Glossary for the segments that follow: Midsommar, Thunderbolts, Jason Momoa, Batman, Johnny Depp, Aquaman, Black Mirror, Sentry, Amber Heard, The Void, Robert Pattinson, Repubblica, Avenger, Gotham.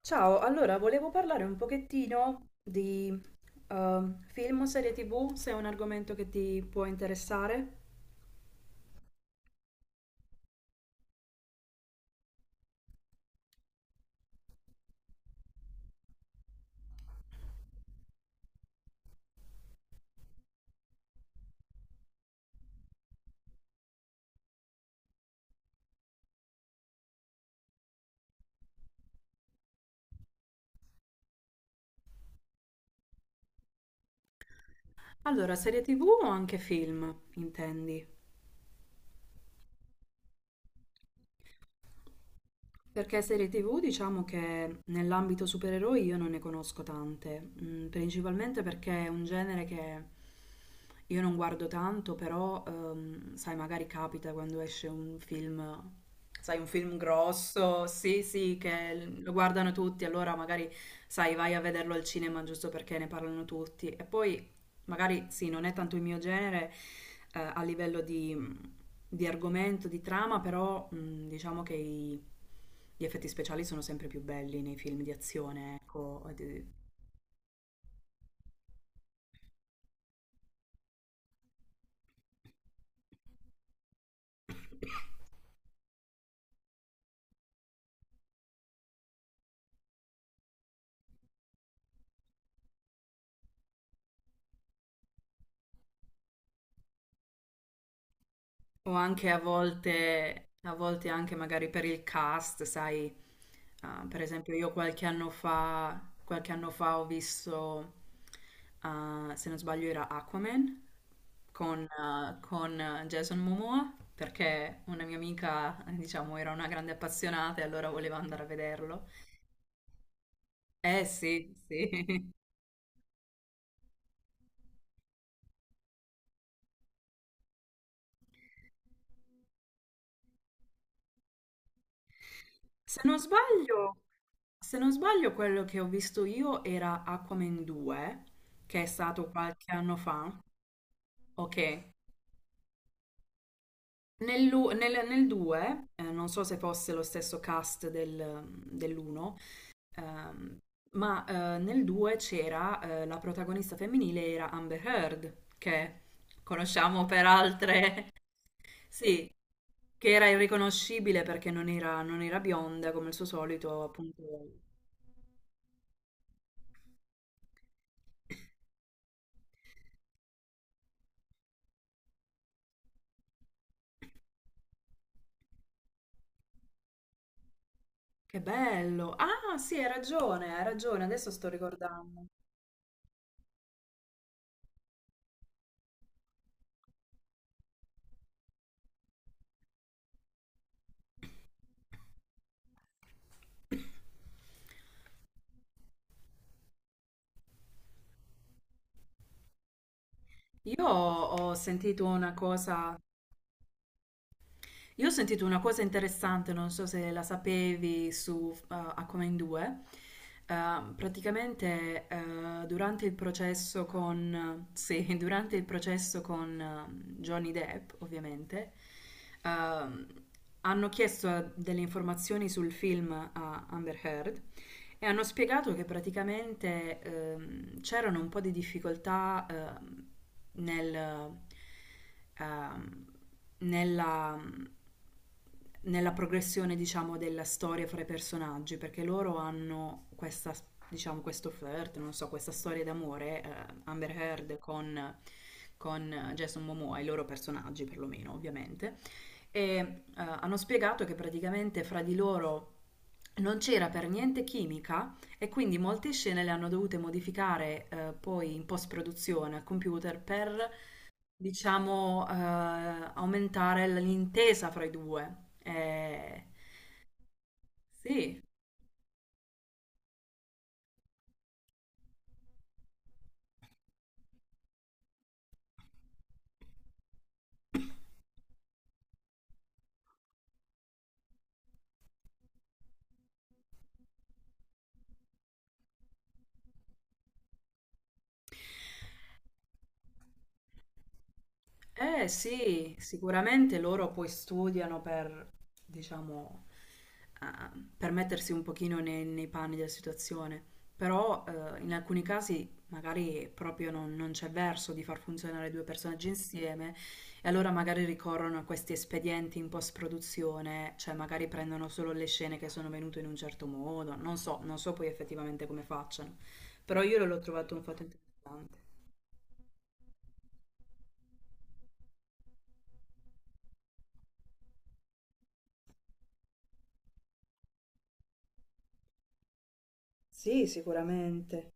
Ciao, allora volevo parlare un pochettino di eh, film o serie TV, se è un argomento che ti può interessare. Allora, serie TV o anche film, intendi? Perché serie TV diciamo che nell'ambito supereroi io non ne conosco tante, principalmente perché è un genere che io non guardo tanto, però sai, magari capita quando esce un film, sai, un film grosso, sì, sì, che lo guardano tutti, allora magari sai, vai a vederlo al cinema giusto perché ne parlano tutti. E poi magari sì, non è tanto il mio genere a livello di argomento, di trama, però diciamo che gli effetti speciali sono sempre più belli nei film di azione, ecco, o o anche a volte anche magari per il cast, sai. Ah, per esempio, io qualche anno fa, ah, se non sbaglio, era Aquaman con, con, Jason Momoa, perché una mia amica, diciamo, era una grande appassionata e allora voleva andare a vederlo. Eh sì, sì. Se non sbaglio, se non sbaglio, quello che ho visto io era Aquaman 2, che è stato qualche anno fa. Ok. Nel 2, non so se fosse lo stesso cast dell'1, ma nel 2 c'era la protagonista femminile era Amber Heard, che conosciamo per altre... Sì, che era irriconoscibile perché non era, non era bionda come il suo solito, appunto. Che bello! Ah, sì, hai ragione, adesso sto ricordando. Io ho sentito una cosa Io ho sentito una cosa interessante, non so se la sapevi, su A Come in Due. Praticamente durante il processo con, sì, durante il processo con Johnny Depp, ovviamente, ehm, hanno chiesto delle informazioni sul film a Amber Heard e hanno spiegato che praticamente c'erano un po' di difficoltà nel, ehm, nella, nella progressione, diciamo, della storia fra i personaggi, perché loro hanno questa, diciamo, questo flirt, non so, questa storia d'amore, Amber Heard con Jason Momoa, i loro personaggi perlomeno, ovviamente e hanno spiegato che praticamente fra di loro non c'era per niente chimica e quindi molte scene le hanno dovute modificare poi in post-produzione al computer per, diciamo, aumentare l'intesa fra i due. Eh, sì, Eh sì, sicuramente loro poi studiano per, diciamo, per mettersi un pochino nei, nei panni della situazione, però in alcuni casi magari proprio non, non c'è verso di far funzionare due personaggi insieme e allora magari ricorrono a questi espedienti in post-produzione, cioè magari prendono solo le scene che sono venute in un certo modo, non so, non so poi effettivamente come facciano, però io l'ho trovato un fatto interessante. Sì, sicuramente.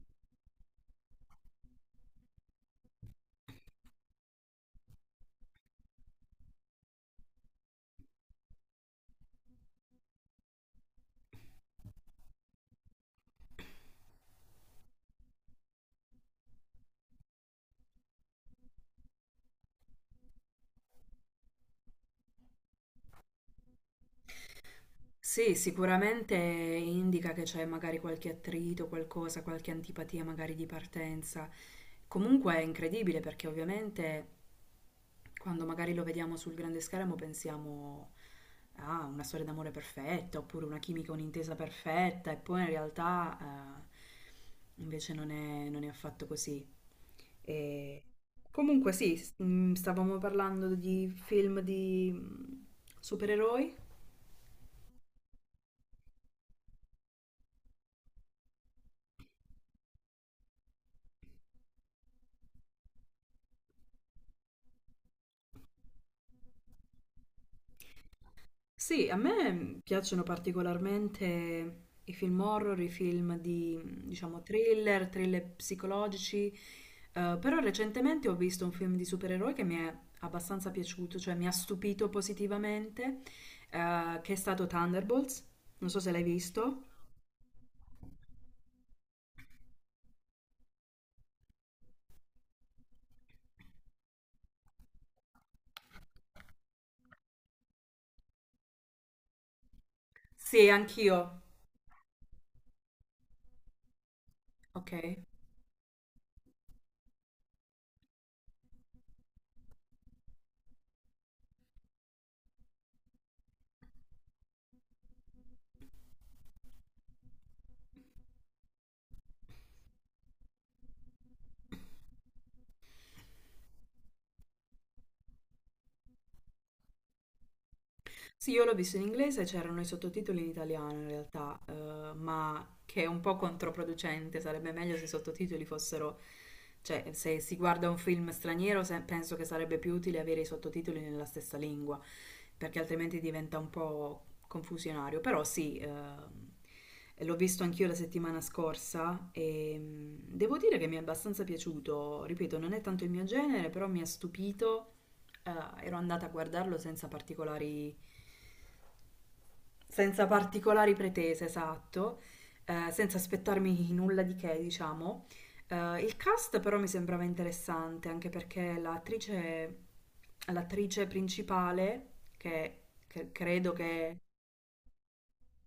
Sì, sicuramente indica che c'è magari qualche attrito, qualcosa, qualche antipatia magari di partenza. Comunque è incredibile perché ovviamente quando magari lo vediamo sul grande schermo pensiamo a una storia d'amore perfetta oppure una chimica, un'intesa perfetta e poi in realtà invece non è, non è affatto così. E Comunque sì, stavamo parlando di film di supereroi. Sì, a me piacciono particolarmente i film horror, i film di, diciamo, thriller, thriller psicologici, però recentemente ho visto un film di supereroi che mi è abbastanza piaciuto, cioè mi ha stupito positivamente, che è stato Thunderbolts. Non so se l'hai visto. Sì, anch'io. Ok. Sì, io l'ho visto in inglese, c'erano i sottotitoli in italiano in realtà, ma che è un po' controproducente, sarebbe meglio se i sottotitoli fossero, cioè se si guarda un film straniero penso che sarebbe più utile avere i sottotitoli nella stessa lingua, perché altrimenti diventa un po' confusionario. Però sì, l'ho visto anch'io la settimana scorsa e devo dire che mi è abbastanza piaciuto, ripeto, non è tanto il mio genere, però mi ha stupito ero andata a guardarlo senza particolari, senza particolari pretese, esatto, senza aspettarmi nulla di che, diciamo. Il cast però mi sembrava interessante, anche perché l'attrice, l'attrice principale, che credo che...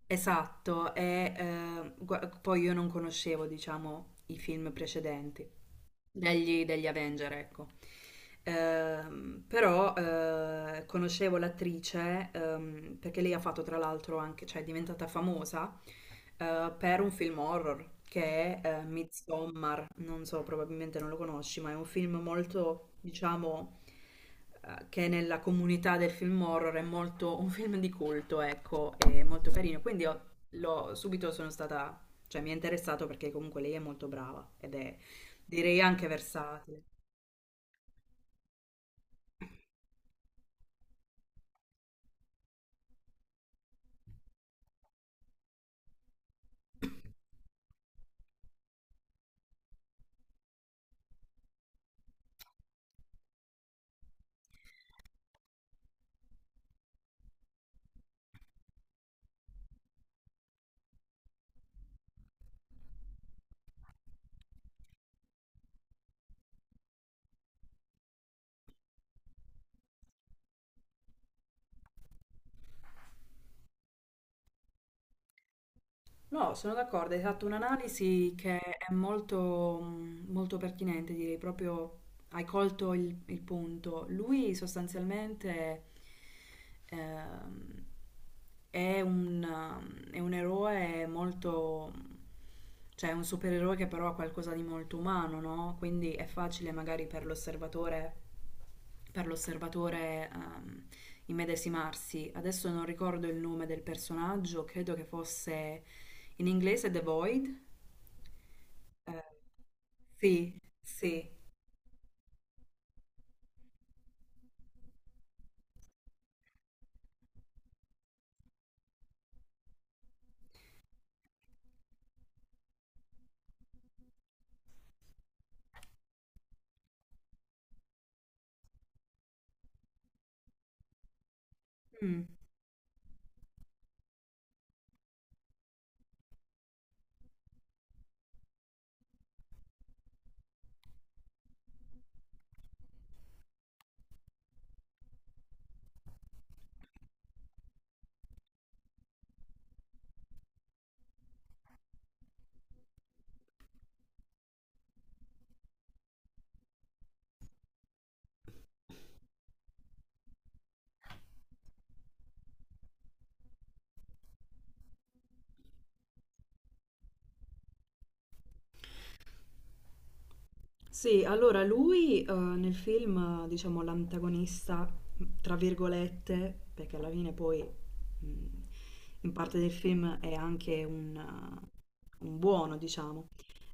Esatto, è, poi io non conoscevo, diciamo, i film precedenti degli, degli Avenger, ecco. Però conoscevo l'attrice perché lei ha fatto tra l'altro anche, cioè è diventata famosa per un film horror che è Midsommar, non so, probabilmente non lo conosci, ma è un film molto, diciamo, che nella comunità del film horror è molto un film di culto, ecco, è molto carino. Quindi subito sono stata, cioè mi è interessato perché comunque lei è molto brava ed è direi anche versatile. No, sono d'accordo, hai fatto un'analisi che è molto, molto pertinente, direi proprio hai colto il punto. Lui sostanzialmente ehm, è un eroe molto, cioè è un supereroe che però ha qualcosa di molto umano, no? Quindi è facile magari per l'osservatore per l'osservatore ehm, immedesimarsi. Adesso non ricordo il nome del personaggio, credo che fosse in inglese The Void? Eh, sì, sì. Mm. Sì, allora lui nel film, diciamo, l'antagonista, tra virgolette, perché alla fine poi in parte del film è anche un buono, diciamo.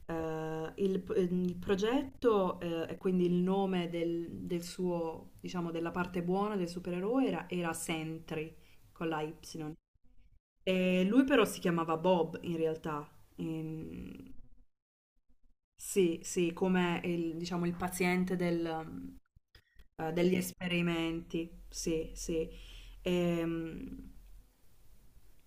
Il progetto e quindi il nome del, del suo, diciamo, della parte buona del supereroe era, era Sentry con la Y. E lui però si chiamava Bob in realtà. Ehm, sì, sì, come il, diciamo, il paziente del, degli esperimenti, sì, sì. Ehm,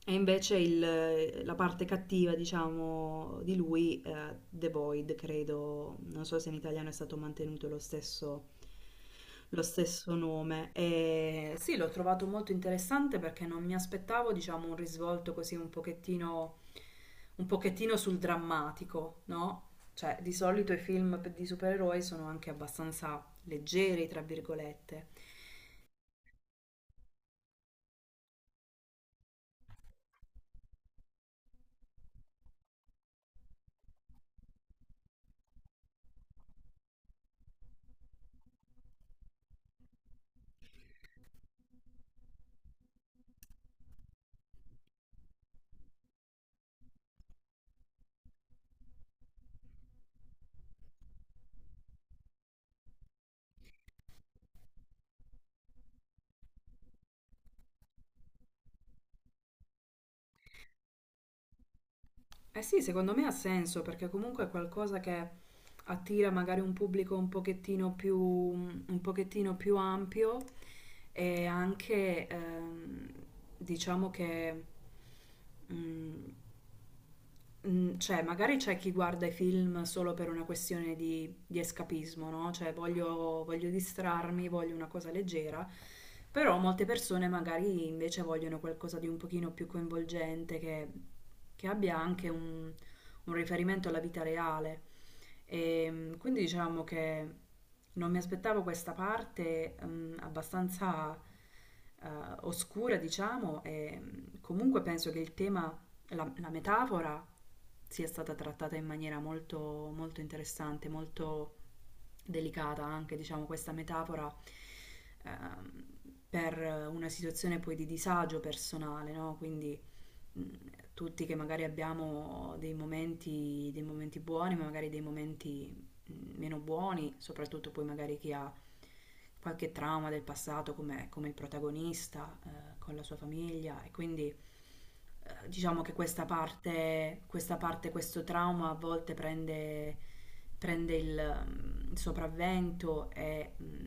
Invece la parte cattiva, diciamo, di lui, The Void, credo, non so se in italiano è stato mantenuto lo stesso nome. E sì, l'ho trovato molto interessante perché non mi aspettavo, diciamo, un risvolto così un pochettino sul drammatico, no? Cioè, di solito i film di supereroi sono anche abbastanza leggeri, tra virgolette. Eh sì, secondo me ha senso perché comunque è qualcosa che attira magari un pubblico un pochettino più ampio e anche diciamo che mm, cioè, magari c'è chi guarda i film solo per una questione di escapismo, no? Cioè, voglio, voglio distrarmi, voglio una cosa leggera, però molte persone magari invece vogliono qualcosa di un pochino più coinvolgente, che abbia anche un riferimento alla vita reale. Quindi diciamo che non mi aspettavo questa parte, abbastanza, eh, oscura, diciamo, e comunque penso che il tema, la metafora sia stata trattata in maniera molto, molto interessante, molto delicata anche, diciamo, questa metafora ehm, per una situazione poi di disagio personale, no? Quindi mh, tutti che magari abbiamo dei momenti buoni, ma magari dei momenti meno buoni, soprattutto poi magari chi ha qualche trauma del passato come, come il protagonista con la sua famiglia e quindi diciamo che questa parte, questo trauma a volte prende, prende il, il sopravvento e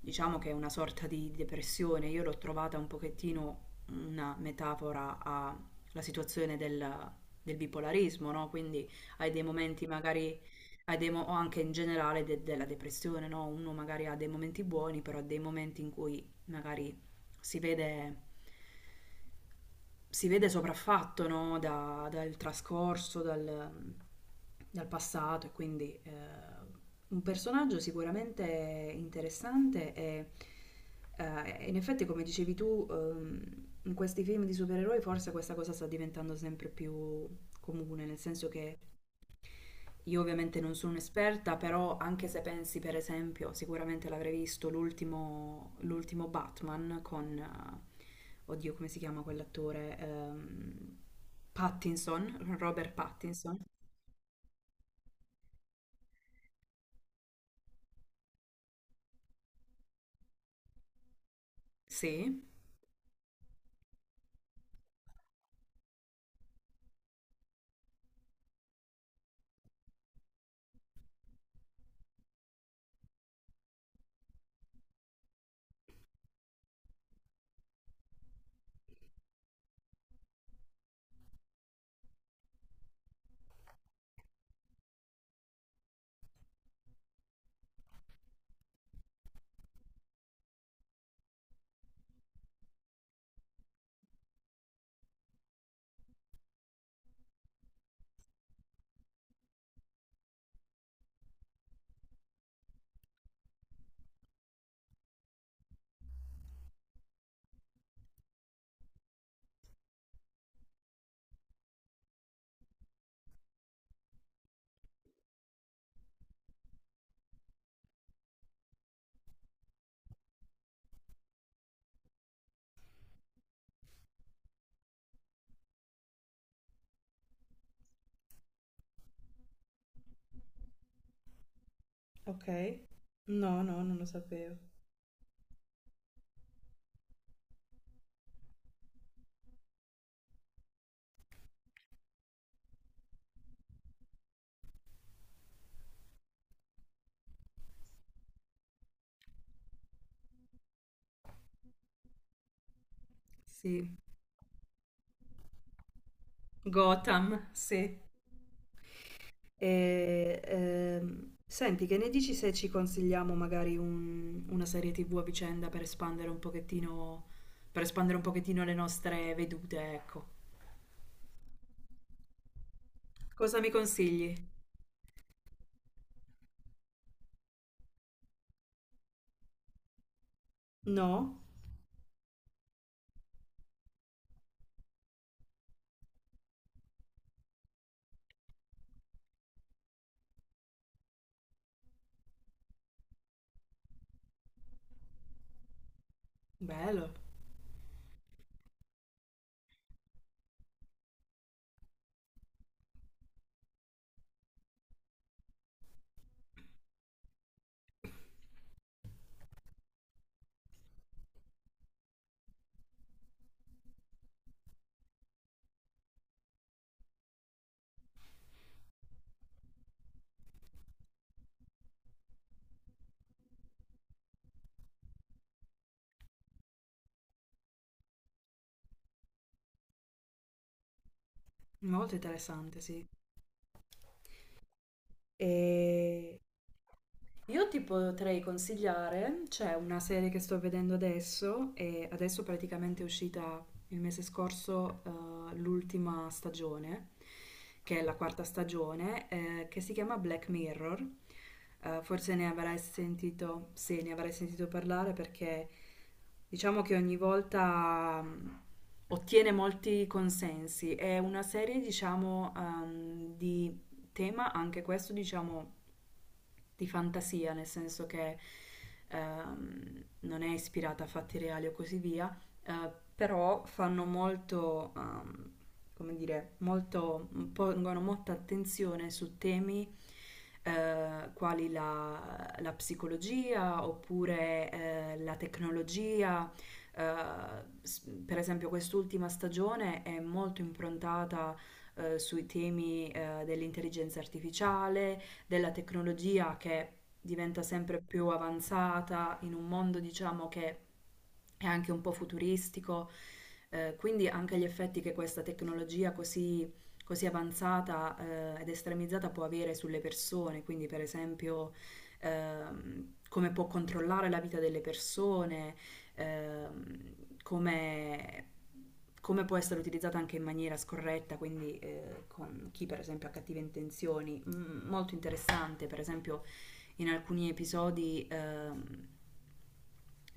diciamo che è una sorta di depressione. Io l'ho trovata un pochettino una metafora a la situazione del, del bipolarismo, no? Quindi hai dei momenti magari, hai dei o anche in generale della depressione, no? Uno magari ha dei momenti buoni, però ha dei momenti in cui magari si vede si vede sopraffatto, no, dal trascorso, dal, dal passato e quindi un personaggio sicuramente interessante e in effetti come dicevi tu in questi film di supereroi forse questa cosa sta diventando sempre più comune, nel senso che io ovviamente non sono un'esperta, però anche se pensi per esempio, sicuramente l'avrei visto l'ultimo l'ultimo Batman con oddio, come si chiama quell'attore? Pattinson, Robert Pattinson. Sì. Ok. No, no, non lo sapevo. Sì. Gotham, sì. E, senti, che ne dici se ci consigliamo magari una serie TV a vicenda per espandere un pochettino, per espandere un pochettino le nostre vedute, ecco. Cosa mi consigli? No? Bello, molto interessante, sì. E Io ti potrei consigliare, c'è una serie che sto vedendo adesso e adesso praticamente è uscita il mese scorso l'ultima stagione, che è la quarta stagione, che si chiama Black Mirror. Forse ne avrai sentito, sì, ne avrai sentito parlare perché diciamo che ogni volta ottiene molti consensi. È una serie, diciamo, di tema anche questo, diciamo, di fantasia, nel senso che non è ispirata a fatti reali o così via, però fanno molto, come dire, molto, pongono molta attenzione su temi quali la, la psicologia oppure la tecnologia. Per esempio, quest'ultima stagione è molto improntata sui temi dell'intelligenza artificiale, della tecnologia che diventa sempre più avanzata in un mondo, diciamo, che è anche un po' futuristico. Quindi anche gli effetti che questa tecnologia così, così avanzata ed estremizzata può avere sulle persone, quindi per esempio come può controllare la vita delle persone, ehm, come, come può essere utilizzata anche in maniera scorretta, quindi con chi per esempio ha cattive intenzioni. Molto interessante, per esempio in alcuni episodi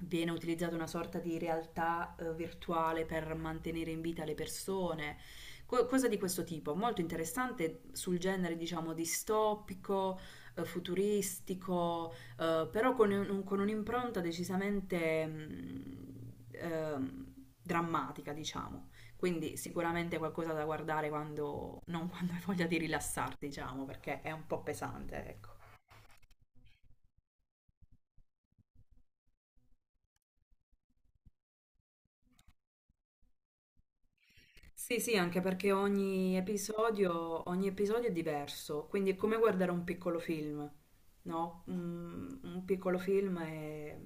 viene utilizzata una sorta di realtà virtuale per mantenere in vita le persone, cosa di questo tipo, molto interessante sul genere, diciamo, distopico, futuristico, però con, con un'impronta decisamente drammatica, diciamo. Quindi sicuramente qualcosa da guardare quando, non quando hai voglia di rilassarti, diciamo, perché è un po' pesante, ecco. Sì, sì, anche perché ogni episodio è diverso, quindi è come guardare un piccolo film, no? Un piccolo film è...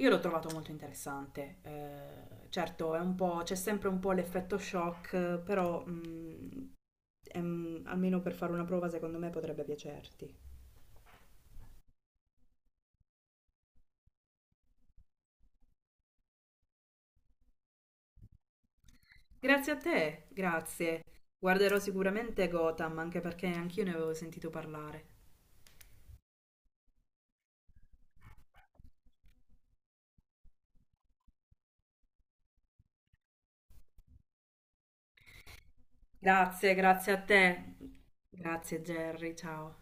Io l'ho trovato molto interessante, certo è un po', c'è sempre un po' l'effetto shock, però è almeno per fare una prova secondo me potrebbe piacerti. Grazie a te, grazie. Guarderò sicuramente Gotham, anche perché anch'io ne avevo sentito parlare. Grazie, grazie a te. Grazie Gerry, ciao.